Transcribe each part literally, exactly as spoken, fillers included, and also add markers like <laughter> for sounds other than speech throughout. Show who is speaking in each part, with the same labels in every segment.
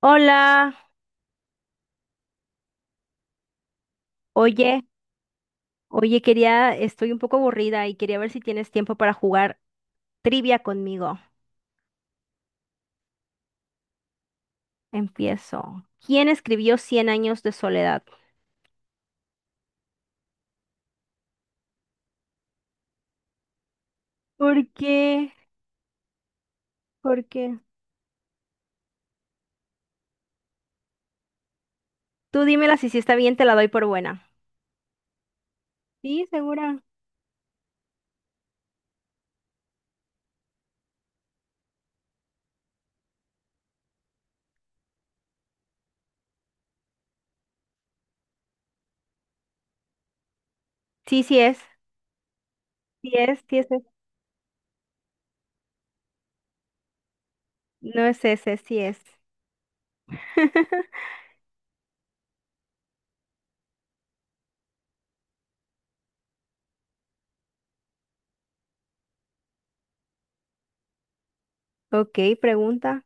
Speaker 1: Hola, oye, oye, quería, estoy un poco aburrida y quería ver si tienes tiempo para jugar trivia conmigo. Empiezo. ¿Quién escribió Cien años de soledad? ¿Por qué? ¿Por qué? Tú dímela si sí está bien, te la doy por buena. Sí, segura. Sí, sí es. Sí es, sí es. Ese. No es ese, sí es. <laughs> Ok, pregunta.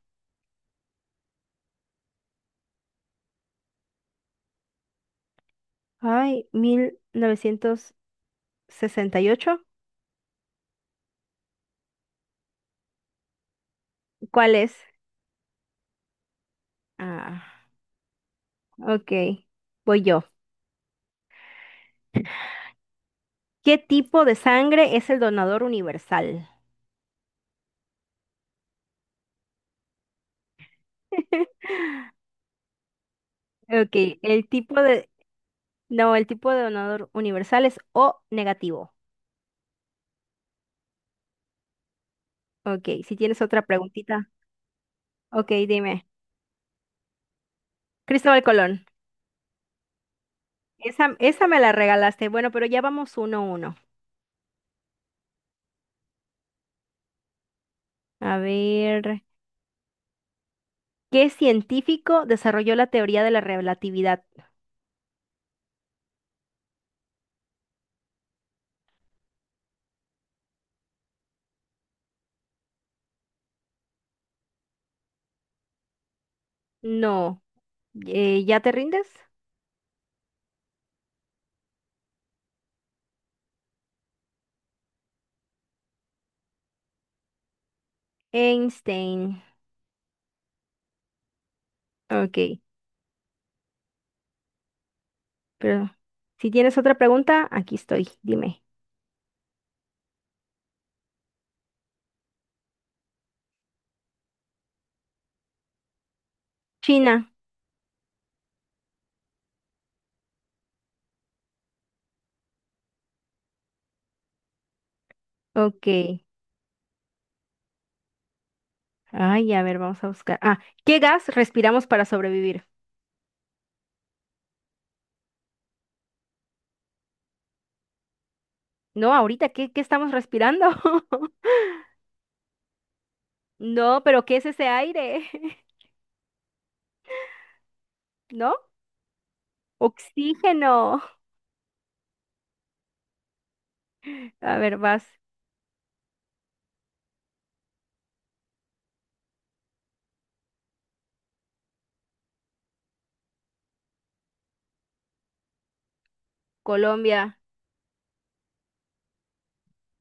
Speaker 1: Ay, mil novecientos sesenta y ocho. ¿Cuál es? Ah, ok. Voy yo. ¿Qué tipo de sangre es el donador universal? <laughs> Ok, el tipo de... No, el tipo de donador universal es O negativo. Ok, si tienes otra preguntita. Ok, dime. Cristóbal Colón. Esa, esa me la regalaste. Bueno, pero ya vamos uno a uno. A ver. ¿Qué científico desarrolló la teoría de la relatividad? No. Eh, ¿ya te rindes? Einstein. Ok, pero si tienes otra pregunta, aquí estoy. Dime. China. Ok. Ay, a ver, vamos a buscar. Ah, ¿qué gas respiramos para sobrevivir? No, ahorita, ¿qué, qué estamos respirando? <laughs> No, pero ¿qué es ese aire? <laughs> ¿No? Oxígeno. A ver, vas. Colombia.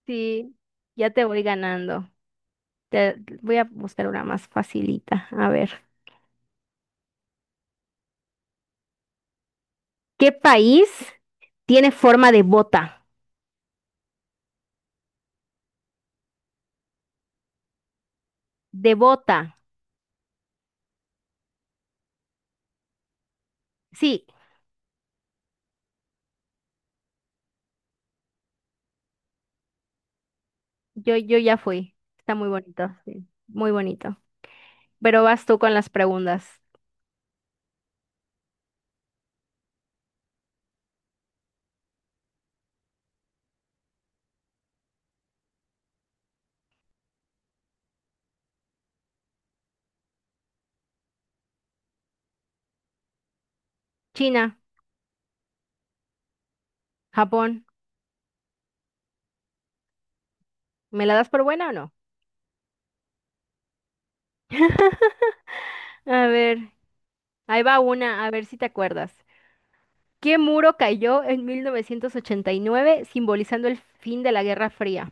Speaker 1: Sí, ya te voy ganando. Te, Voy a buscar una más facilita. A ver. ¿Qué país tiene forma de bota? De bota. Sí, yo, yo ya fui. Está muy bonito, sí, muy bonito. Pero vas tú con las preguntas. China, Japón. ¿Me la das por buena o no? A ver, ahí va una, a ver si te acuerdas. ¿Qué muro cayó en mil novecientos ochenta y nueve, simbolizando el fin de la Guerra Fría?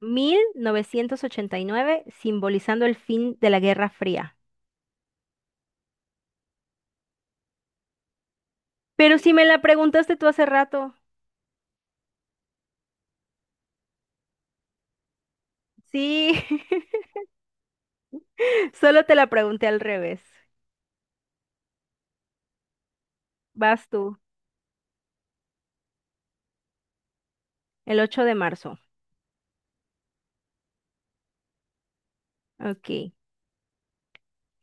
Speaker 1: Mil novecientos ochenta y nueve, simbolizando el fin de la Guerra Fría. Pero si me la preguntaste tú hace rato. Sí, <laughs> solo te la pregunté al revés. Vas tú, el ocho de marzo. Ok.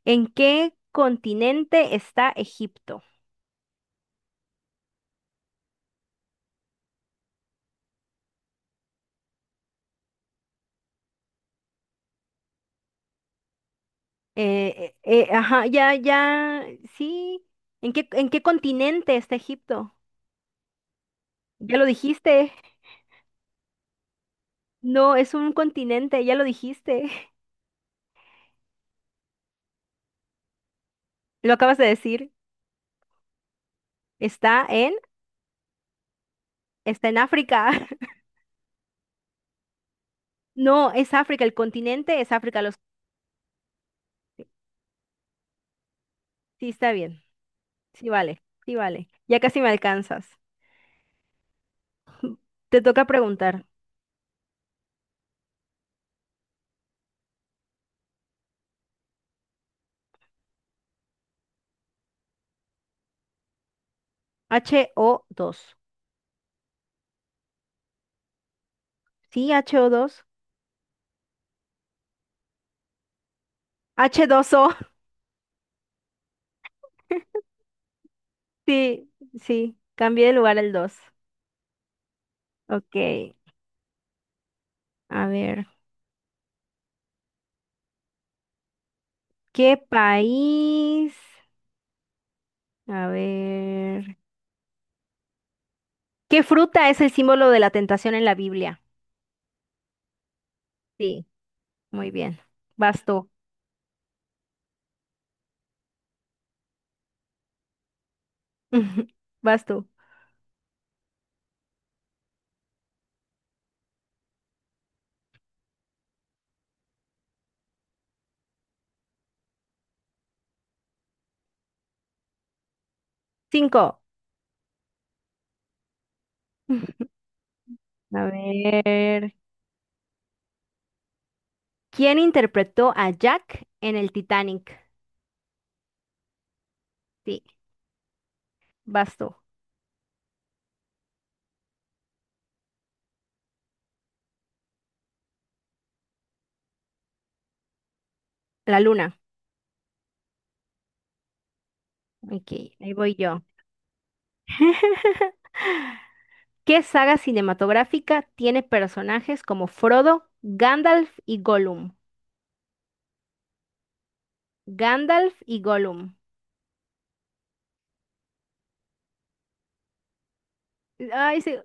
Speaker 1: ¿En qué continente está Egipto? Eh, eh, eh, ajá, ya, ya, sí. ¿En qué, en qué continente está Egipto? Ya lo dijiste. No, es un continente, ya lo dijiste. <laughs> Lo acabas de decir. Está en, está en África. <laughs> No, es África, el continente es África. Los, sí, está bien. Sí, vale, sí, vale. Ya casi me alcanzas. Te toca preguntar. H O dos. Sí, H O dos. H dos o. <laughs> Sí, sí. Cambié de lugar el dos. Ok, a ver. ¿Qué país? A ver. ¿Qué fruta es el símbolo de la tentación en la Biblia? Sí, muy bien. Vas tú. <laughs> Vas tú. Cinco. <laughs> A ver. ¿Quién interpretó a Jack en el Titanic? Sí, vas tú. La luna. Ok, ahí voy yo. <laughs> ¿Qué saga cinematográfica tiene personajes como Frodo, Gandalf y Gollum? Gandalf y Gollum. Ay, sí,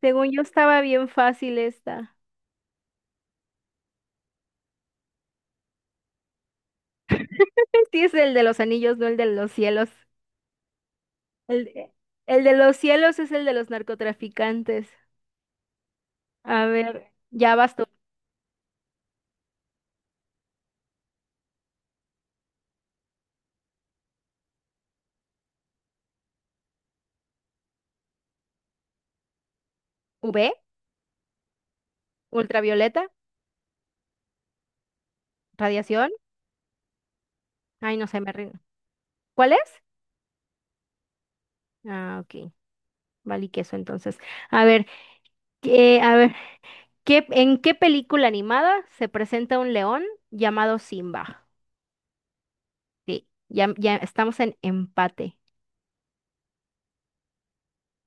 Speaker 1: según yo estaba bien fácil esta. Sí, es el de los anillos, no el de los cielos. El, de- el de los cielos es el de los narcotraficantes. A ver, ya vas tú. U V, ultravioleta, radiación. Ay, no sé, me rindo. ¿Cuál es? Ah, ok. Vale, y queso entonces. A ver, ¿qué- a ver, ¿qué, ¿en qué película animada se presenta un león llamado Simba? Sí, ya, ya estamos en empate.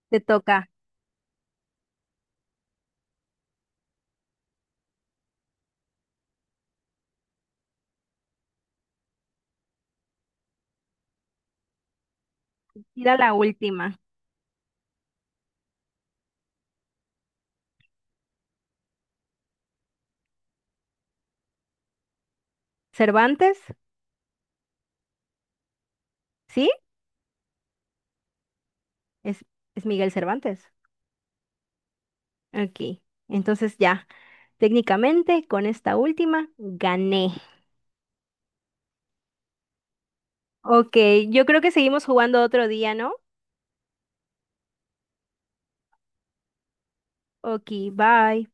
Speaker 1: Te toca. Tira la última. ¿Cervantes? ¿Sí? Es, es Miguel Cervantes. Ok, entonces ya, técnicamente con esta última gané. Ok, yo creo que seguimos jugando otro día, ¿no? Ok, bye.